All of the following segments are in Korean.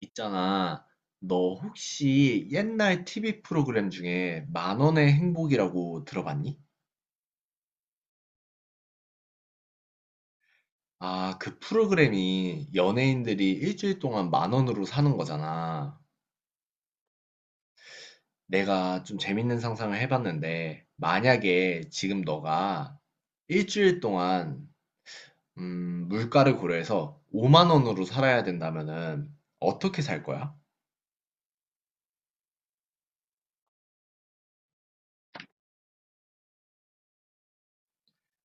있잖아. 너 혹시 옛날 TV 프로그램 중에 만 원의 행복이라고 들어봤니? 아, 그 프로그램이 연예인들이 일주일 동안 만 원으로 사는 거잖아. 내가 좀 재밌는 상상을 해봤는데, 만약에 지금 너가 일주일 동안, 물가를 고려해서 5만 원으로 살아야 된다면은 어떻게 살 거야?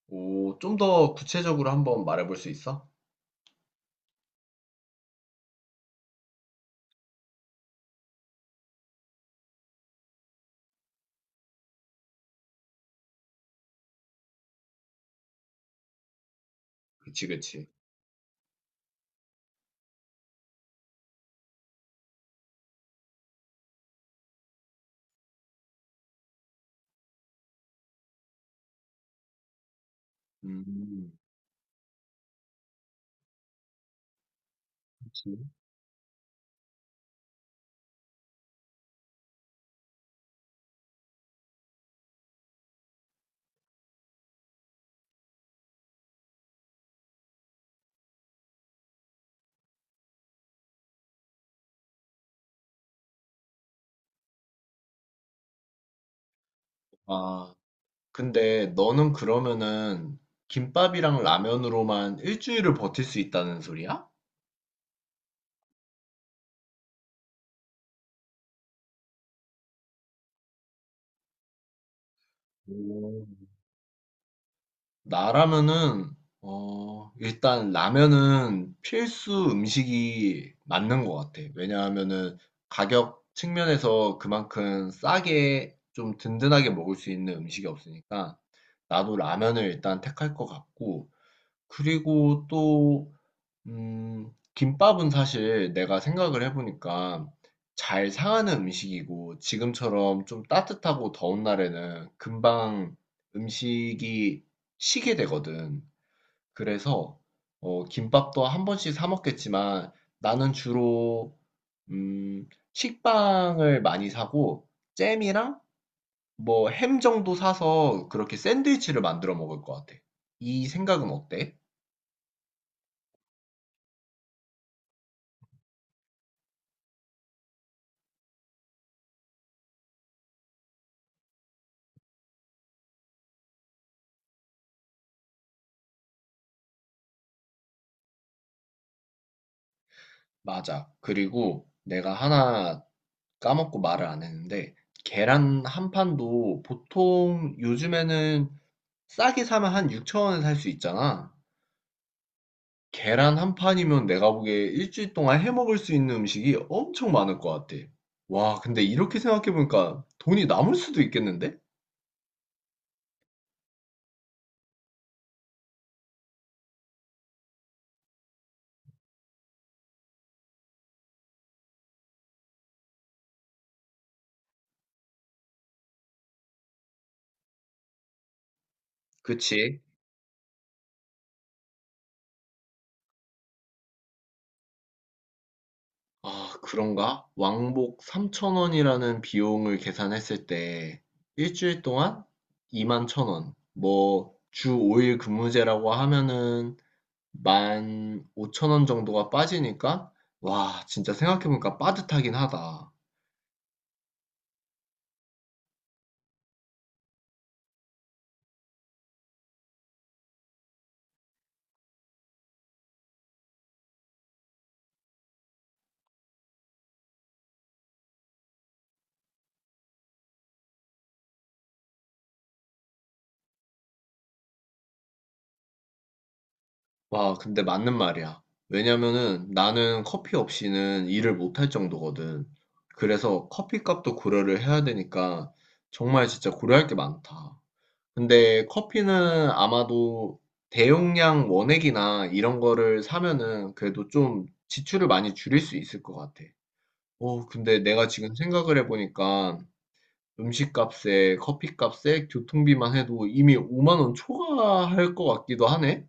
오, 좀 더 구체적으로 한번 말해볼 수 있어? 그치, 그치. 음, 그치. 아, 근데 너는 그러면은 김밥이랑 라면으로만 일주일을 버틸 수 있다는 소리야? 오. 나라면은 일단 라면은 필수 음식이 맞는 것 같아. 왜냐하면은 가격 측면에서 그만큼 싸게 좀 든든하게 먹을 수 있는 음식이 없으니까 나도 라면을 일단 택할 것 같고 그리고 또 김밥은 사실 내가 생각을 해보니까 잘 상하는 음식이고 지금처럼 좀 따뜻하고 더운 날에는 금방 음식이 식게 되거든. 그래서 김밥도 한 번씩 사 먹겠지만 나는 주로 음, 식빵을 많이 사고 잼이랑 뭐 햄 정도 사서 그렇게 샌드위치를 만들어 먹을 것 같아. 이 생각은 어때? 맞아. 그리고 내가 하나 까먹고 말을 안 했는데, 계란 한 판도 보통 요즘에는 싸게 사면 한 6천 원에 살 수 있잖아. 계란 한 판이면 내가 보기에 일주일 동안 해 먹을 수 있는 음식이 엄청 많을 것 같아. 와, 근데 이렇게 생각해보니까 돈이 남을 수도 있겠는데? 그치? 아, 그런가? 왕복 3천 원이라는 비용을 계산했을 때 일주일 동안 2만 1,000원. 뭐 주 5일 근무제라고 하면은 15,000원 정도가 빠지니까 와, 진짜 생각해보니까 빠듯하긴 하다. 와, 근데 맞는 말이야. 왜냐면은 나는 커피 없이는 일을 못할 정도거든. 그래서 커피값도 고려를 해야 되니까 정말 진짜 고려할 게 많다. 근데 커피는 아마도 대용량 원액이나 이런 거를 사면은 그래도 좀 지출을 많이 줄일 수 있을 것 같아. 근데 내가 지금 생각을 해보니까 음식값에 커피값에 교통비만 해도 이미 5만 원 초과할 것 같기도 하네?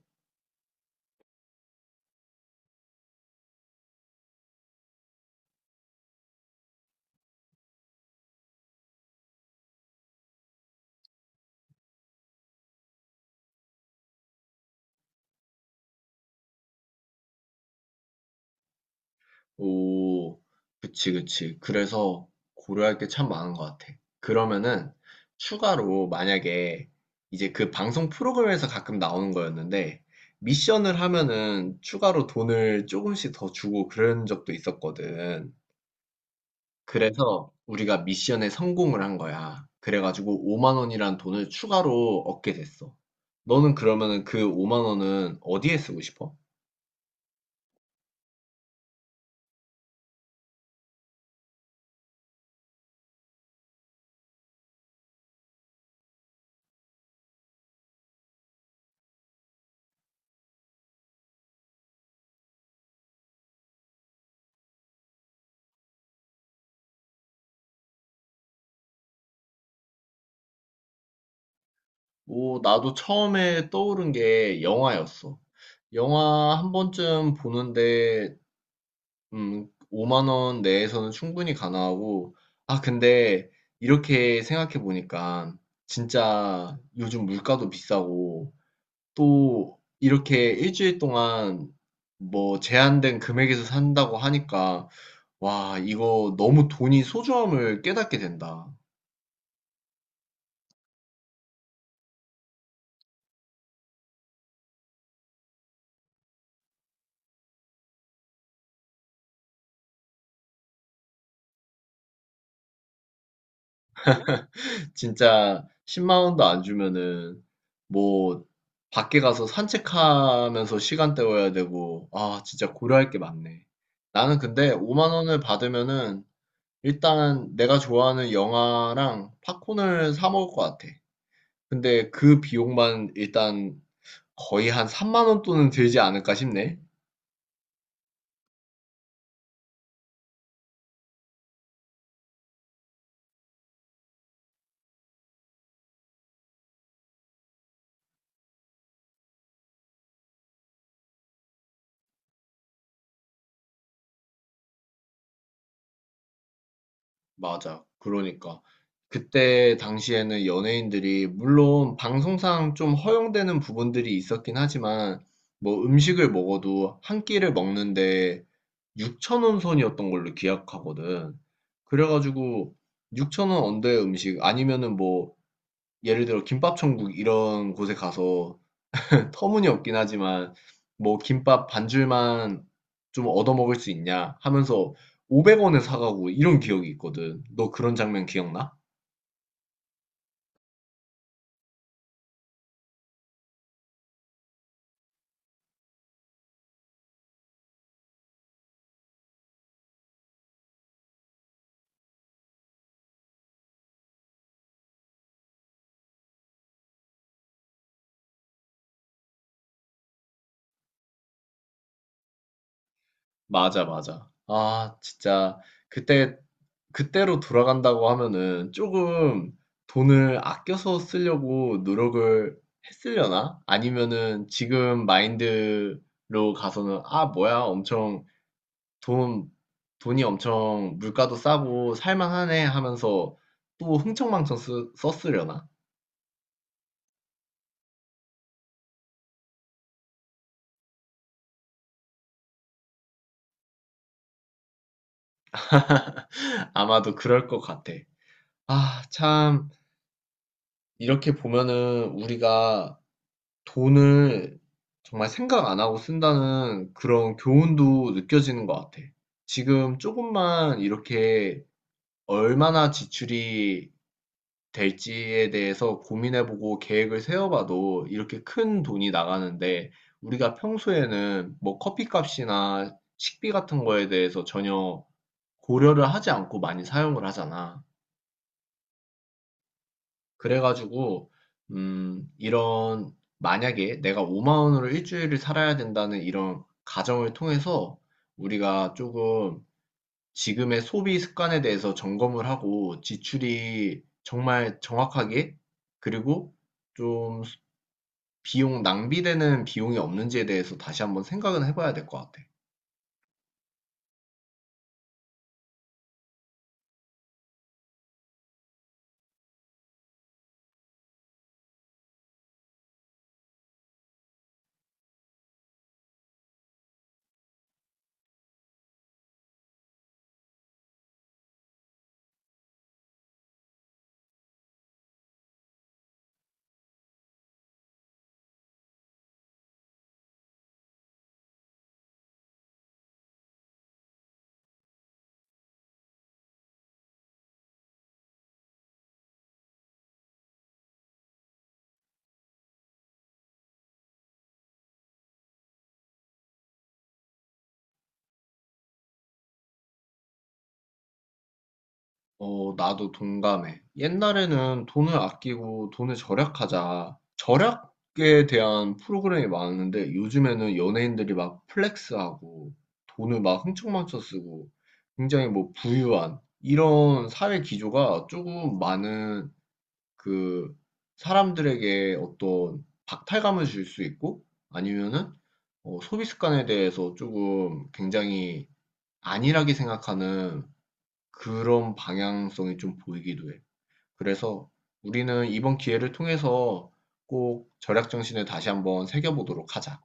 오, 그치, 그치. 그래서 고려할 게 참 많은 것 같아. 그러면은 추가로 만약에 이제 그 방송 프로그램에서 가끔 나오는 거였는데 미션을 하면은 추가로 돈을 조금씩 더 주고 그런 적도 있었거든. 그래서 우리가 미션에 성공을 한 거야. 그래가지고 5만 원이란 돈을 추가로 얻게 됐어. 너는 그러면은 그 5만 원은 어디에 쓰고 싶어? 뭐, 나도 처음에 떠오른 게 영화였어. 영화 한 번쯤 보는데, 5만 원 내에서는 충분히 가능하고, 아, 근데 이렇게 생각해 보니까, 진짜 요즘 물가도 비싸고, 또 이렇게 일주일 동안 뭐 제한된 금액에서 산다고 하니까, 와, 이거 너무 돈이 소중함을 깨닫게 된다. 진짜 10만 원도 안 주면은 뭐 밖에 가서 산책하면서 시간 때워야 되고 아 진짜 고려할 게 많네. 나는 근데 5만 원을 받으면은 일단 내가 좋아하는 영화랑 팝콘을 사 먹을 것 같아. 근데 그 비용만 일단 거의 한 3만 원 돈은 들지 않을까 싶네. 맞아. 그러니까. 그때 당시에는 연예인들이, 물론 방송상 좀 허용되는 부분들이 있었긴 하지만, 뭐 음식을 먹어도 한 끼를 먹는데 6천 원 선이었던 걸로 기억하거든. 그래가지고 6천 원 언더의 음식, 아니면은 뭐, 예를 들어 김밥천국 이런 곳에 가서 터무니없긴 하지만 뭐 김밥 반줄만 좀 얻어먹을 수 있냐 하면서 500원에 사가고 이런 기억이 있거든. 너 그런 장면 기억나? 맞아, 맞아. 아, 진짜 그때 그때로 돌아간다고 하면은 조금 돈을 아껴서 쓰려고 노력을 했으려나? 아니면은 지금 마인드로 가서는 아, 뭐야, 엄청 돈 돈이 엄청 물가도 싸고 살만하네 하면서 또 흥청망청 썼으려나? 아마도 그럴 것 같아. 아, 참, 이렇게 보면은 우리가 돈을 정말 생각 안 하고 쓴다는 그런 교훈도 느껴지는 것 같아. 지금 조금만 이렇게 얼마나 지출이 될지에 대해서 고민해보고 계획을 세워봐도 이렇게 큰 돈이 나가는데 우리가 평소에는 뭐 커피값이나 식비 같은 거에 대해서 전혀 고려를 하지 않고 많이 사용을 하잖아. 그래가지고 이런 만약에 내가 5만 원으로 일주일을 살아야 된다는 이런 가정을 통해서 우리가 조금 지금의 소비 습관에 대해서 점검을 하고 지출이 정말 정확하게 그리고 좀 비용 낭비되는 비용이 없는지에 대해서 다시 한번 생각은 해봐야 될 것 같아. 나도 동감해. 옛날에는 돈을 아끼고 돈을 절약하자. 절약에 대한 프로그램이 많았는데 요즘에는 연예인들이 막 플렉스하고 돈을 막 흥청망청 쓰고 굉장히 뭐 부유한 이런 사회 기조가 조금 많은 그 사람들에게 어떤 박탈감을 줄 수 있고 아니면은 소비 습관에 대해서 조금 굉장히 안일하게 생각하는 그런 방향성이 좀 보이기도 해. 그래서 우리는 이번 기회를 통해서 꼭 절약 정신을 다시 한번 새겨보도록 하자.